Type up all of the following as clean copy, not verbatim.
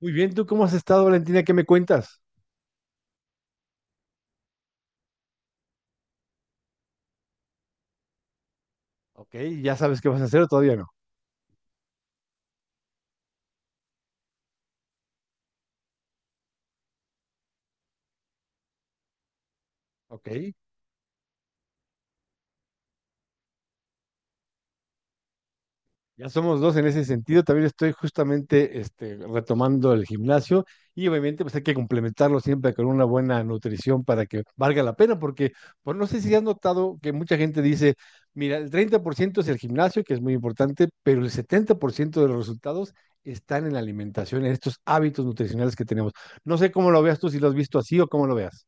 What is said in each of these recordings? Muy bien, ¿tú cómo has estado, Valentina? ¿Qué me cuentas? Ok, ya sabes qué vas a hacer o todavía no. Ok, ya somos dos en ese sentido. También estoy justamente este, retomando el gimnasio y obviamente pues hay que complementarlo siempre con una buena nutrición para que valga la pena, porque pues no sé si has notado que mucha gente dice, mira, el 30% es el gimnasio, que es muy importante, pero el 70% de los resultados están en la alimentación, en estos hábitos nutricionales que tenemos. No sé cómo lo veas tú, si lo has visto así o cómo lo veas.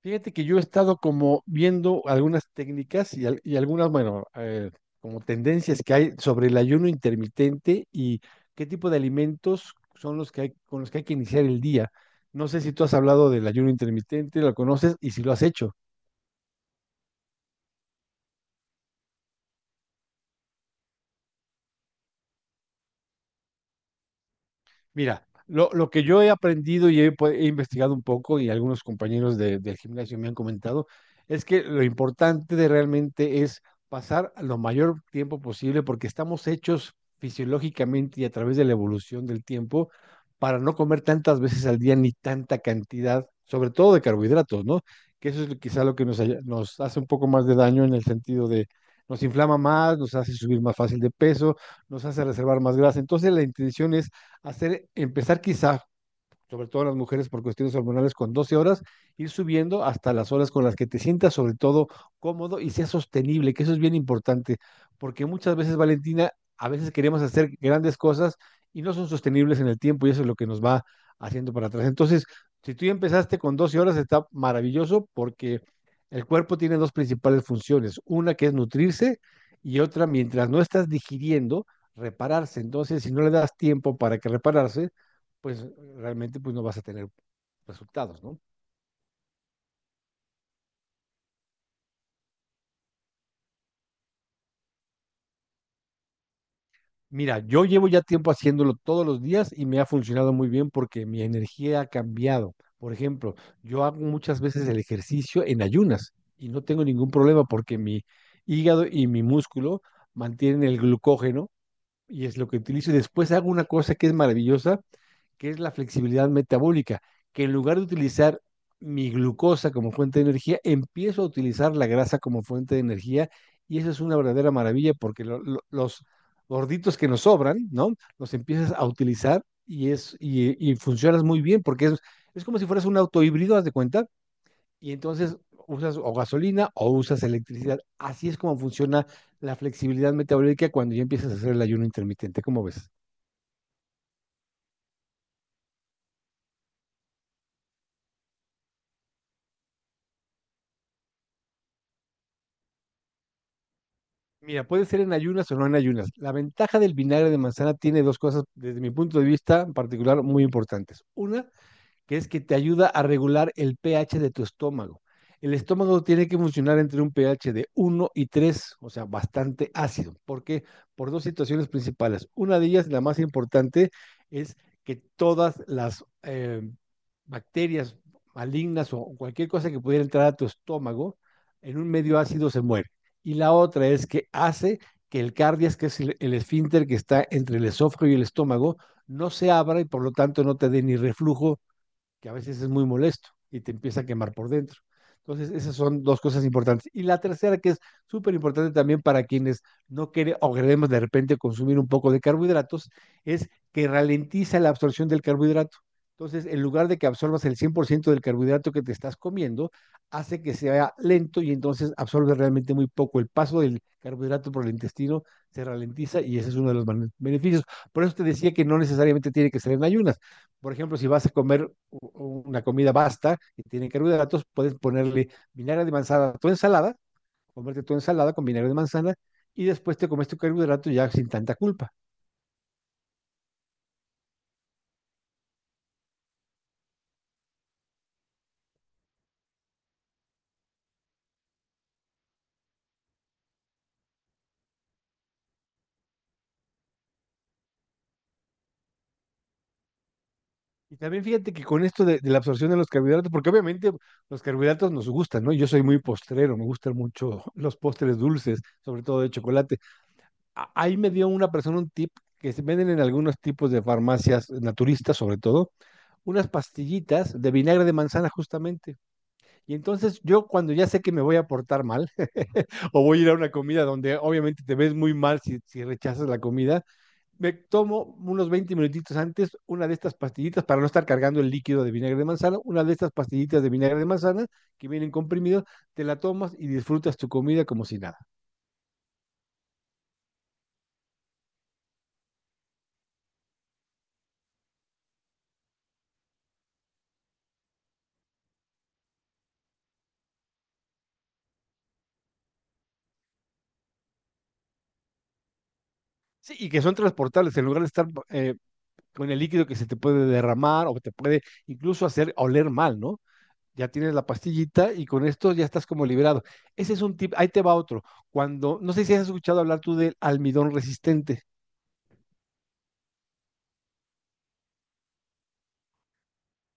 Fíjate que yo he estado como viendo algunas técnicas y algunas, bueno, como tendencias que hay sobre el ayuno intermitente y qué tipo de alimentos son los que hay, con los que hay que iniciar el día. No sé si tú has hablado del ayuno intermitente, lo conoces y si lo has hecho. Mira, lo que yo he aprendido y he investigado un poco y algunos compañeros del gimnasio me han comentado, es que lo importante de realmente es pasar lo mayor tiempo posible porque estamos hechos fisiológicamente y a través de la evolución del tiempo para no comer tantas veces al día ni tanta cantidad, sobre todo de carbohidratos, ¿no? Que eso es quizá lo que nos, nos hace un poco más de daño en el sentido de nos inflama más, nos hace subir más fácil de peso, nos hace reservar más grasa. Entonces la intención es hacer, empezar quizás sobre todo las mujeres por cuestiones hormonales, con 12 horas, ir subiendo hasta las horas con las que te sientas sobre todo cómodo y sea sostenible, que eso es bien importante, porque muchas veces, Valentina, a veces queremos hacer grandes cosas y no son sostenibles en el tiempo y eso es lo que nos va haciendo para atrás. Entonces, si tú ya empezaste con 12 horas, está maravilloso porque el cuerpo tiene dos principales funciones, una que es nutrirse y otra, mientras no estás digiriendo, repararse. Entonces, si no le das tiempo para que repararse, pues realmente pues no vas a tener resultados, ¿no? Mira, yo llevo ya tiempo haciéndolo todos los días y me ha funcionado muy bien porque mi energía ha cambiado. Por ejemplo, yo hago muchas veces el ejercicio en ayunas y no tengo ningún problema porque mi hígado y mi músculo mantienen el glucógeno y es lo que utilizo. Y después hago una cosa que es maravillosa, que es la flexibilidad metabólica, que en lugar de utilizar mi glucosa como fuente de energía, empiezo a utilizar la grasa como fuente de energía y eso es una verdadera maravilla porque los gorditos que nos sobran, ¿no? Los empiezas a utilizar y y funcionas muy bien porque es como si fueras un auto híbrido, haz de cuenta, y entonces usas o gasolina o usas electricidad. Así es como funciona la flexibilidad metabólica cuando ya empiezas a hacer el ayuno intermitente, ¿cómo ves? Mira, puede ser en ayunas o no en ayunas. La ventaja del vinagre de manzana tiene dos cosas, desde mi punto de vista en particular, muy importantes. Una, que es que te ayuda a regular el pH de tu estómago. El estómago tiene que funcionar entre un pH de uno y 3, o sea, bastante ácido. ¿Por qué? Por dos situaciones principales. Una de ellas, la más importante, es que todas las bacterias malignas o cualquier cosa que pudiera entrar a tu estómago, en un medio ácido se muere. Y la otra es que hace que el cardias, que es el esfínter que está entre el esófago y el estómago, no se abra y por lo tanto no te dé ni reflujo, que a veces es muy molesto y te empieza a quemar por dentro. Entonces, esas son dos cosas importantes. Y la tercera, que es súper importante también para quienes no quieren o queremos de repente consumir un poco de carbohidratos, es que ralentiza la absorción del carbohidrato. Entonces, en lugar de que absorbas el 100% del carbohidrato que te estás comiendo, hace que sea lento y entonces absorbe realmente muy poco. El paso del carbohidrato por el intestino se ralentiza y ese es uno de los beneficios. Por eso te decía que no necesariamente tiene que ser en ayunas. Por ejemplo, si vas a comer una comida basta y tiene carbohidratos, puedes ponerle vinagre de manzana a tu ensalada, comerte tu ensalada con vinagre de manzana y después te comes tu carbohidrato ya sin tanta culpa. Y también fíjate que con esto de la absorción de los carbohidratos, porque obviamente los carbohidratos nos gustan, ¿no? Yo soy muy postrero, me gustan mucho los postres dulces, sobre todo de chocolate. Ahí me dio una persona un tip que se venden en algunos tipos de farmacias naturistas, sobre todo, unas pastillitas de vinagre de manzana justamente. Y entonces yo cuando ya sé que me voy a portar mal o voy a ir a una comida donde obviamente te ves muy mal si rechazas la comida, me tomo unos 20 minutitos antes una de estas pastillitas para no estar cargando el líquido de vinagre de manzana, una de estas pastillitas de vinagre de manzana que vienen comprimidos, te la tomas y disfrutas tu comida como si nada. Sí, y que son transportables en lugar de estar con el líquido que se te puede derramar o te puede incluso hacer oler mal, ¿no? Ya tienes la pastillita y con esto ya estás como liberado. Ese es un tip, ahí te va otro. Cuando, no sé si has escuchado hablar tú del almidón resistente.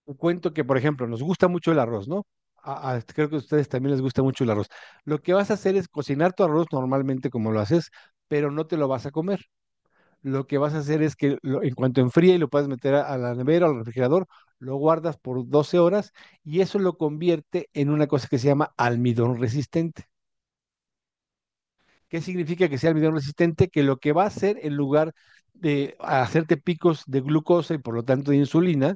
Un cuento que, por ejemplo, nos gusta mucho el arroz, ¿no? Creo que a ustedes también les gusta mucho el arroz. Lo que vas a hacer es cocinar tu arroz normalmente como lo haces, pero no te lo vas a comer. Lo que vas a hacer es que lo, en cuanto enfríe y lo puedas meter a la nevera o al refrigerador, lo guardas por 12 horas y eso lo convierte en una cosa que se llama almidón resistente. ¿Qué significa que sea almidón resistente? Que lo que va a hacer en lugar de hacerte picos de glucosa y por lo tanto de insulina,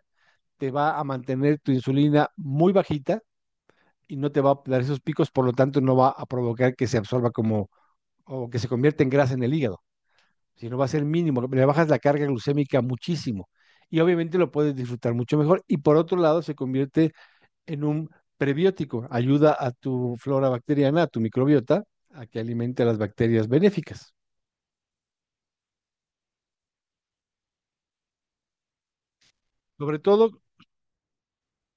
te va a mantener tu insulina muy bajita y no te va a dar esos picos, por lo tanto no va a provocar que se absorba como o que se convierta en grasa en el hígado, sino va a ser mínimo, le bajas la carga glucémica muchísimo y obviamente lo puedes disfrutar mucho mejor y por otro lado se convierte en un prebiótico, ayuda a tu flora bacteriana, a tu microbiota, a que alimente a las bacterias benéficas. Sobre todo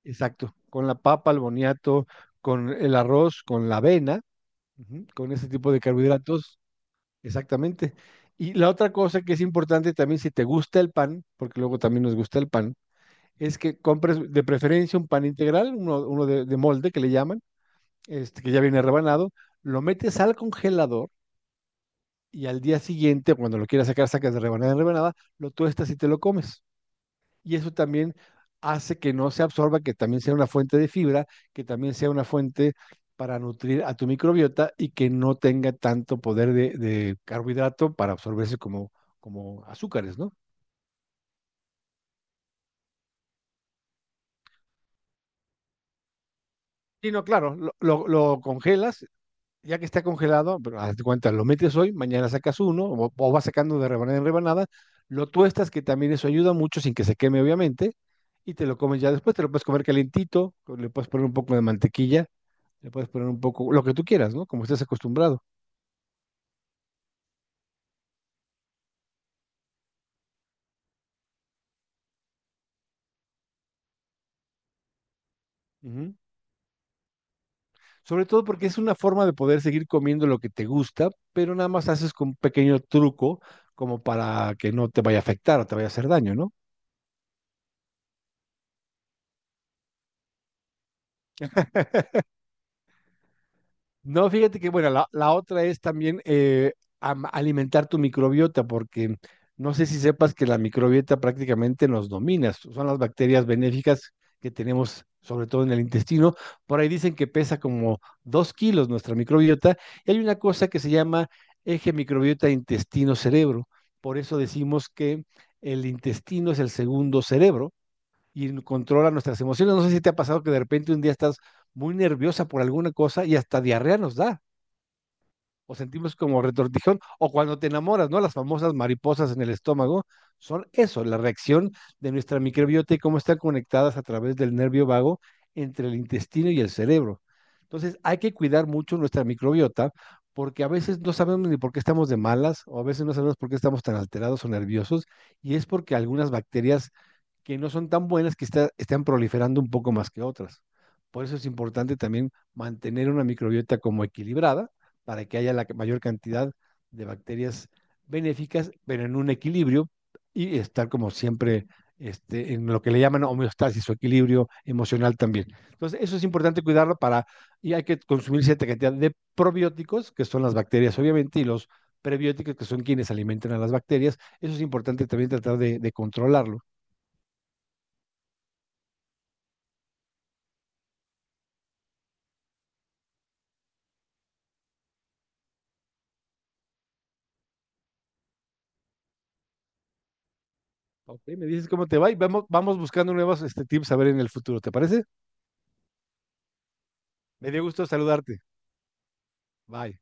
exacto, con la papa, el boniato, con el arroz, con la avena, ujú, con ese tipo de carbohidratos, exactamente. Y la otra cosa que es importante también, si te gusta el pan, porque luego también nos gusta el pan, es que compres de preferencia un pan integral, uno, uno de molde que le llaman, este, que ya viene rebanado, lo metes al congelador y al día siguiente, cuando lo quieras sacar, sacas de rebanada en rebanada, lo tuestas y te lo comes. Y eso también hace que no se absorba, que también sea una fuente de fibra, que también sea una fuente para nutrir a tu microbiota y que no tenga tanto poder de carbohidrato para absorberse como, como azúcares, ¿no? Y no, claro, lo congelas, ya que está congelado, pero hazte cuenta, lo metes hoy, mañana sacas uno, o vas sacando de rebanada en rebanada, lo tuestas, que también eso ayuda mucho sin que se queme, obviamente, y te lo comes ya después, te lo puedes comer calentito, le puedes poner un poco de mantequilla. Le puedes poner un poco, lo que tú quieras, ¿no? Como estés acostumbrado. Ujú. Sobre todo porque es una forma de poder seguir comiendo lo que te gusta, pero nada más haces con un pequeño truco como para que no te vaya a afectar o te vaya a hacer daño, ¿no? No, fíjate que, bueno, la otra es también alimentar tu microbiota, porque no sé si sepas que la microbiota prácticamente nos domina. Son las bacterias benéficas que tenemos, sobre todo en el intestino. Por ahí dicen que pesa como 2 kilos nuestra microbiota. Y hay una cosa que se llama eje microbiota intestino-cerebro. Por eso decimos que el intestino es el segundo cerebro y controla nuestras emociones. No sé si te ha pasado que de repente un día estás muy nerviosa por alguna cosa y hasta diarrea nos da, o sentimos como retortijón, o cuando te enamoras, ¿no? Las famosas mariposas en el estómago son eso, la reacción de nuestra microbiota y cómo están conectadas a través del nervio vago entre el intestino y el cerebro. Entonces, hay que cuidar mucho nuestra microbiota porque a veces no sabemos ni por qué estamos de malas o a veces no sabemos por qué estamos tan alterados o nerviosos y es porque algunas bacterias que no son tan buenas, están proliferando un poco más que otras. Por eso es importante también mantener una microbiota como equilibrada para que haya la mayor cantidad de bacterias benéficas, pero en un equilibrio y estar como siempre este, en lo que le llaman homeostasis o equilibrio emocional también. Entonces, eso es importante cuidarlo para, y hay que consumir cierta cantidad de probióticos, que son las bacterias obviamente, y los prebióticos, que son quienes alimentan a las bacterias. Eso es importante también tratar de controlarlo. Ok, me dices cómo te va y vamos buscando nuevos este, tips a ver en el futuro, ¿te parece? Me dio gusto saludarte. Bye.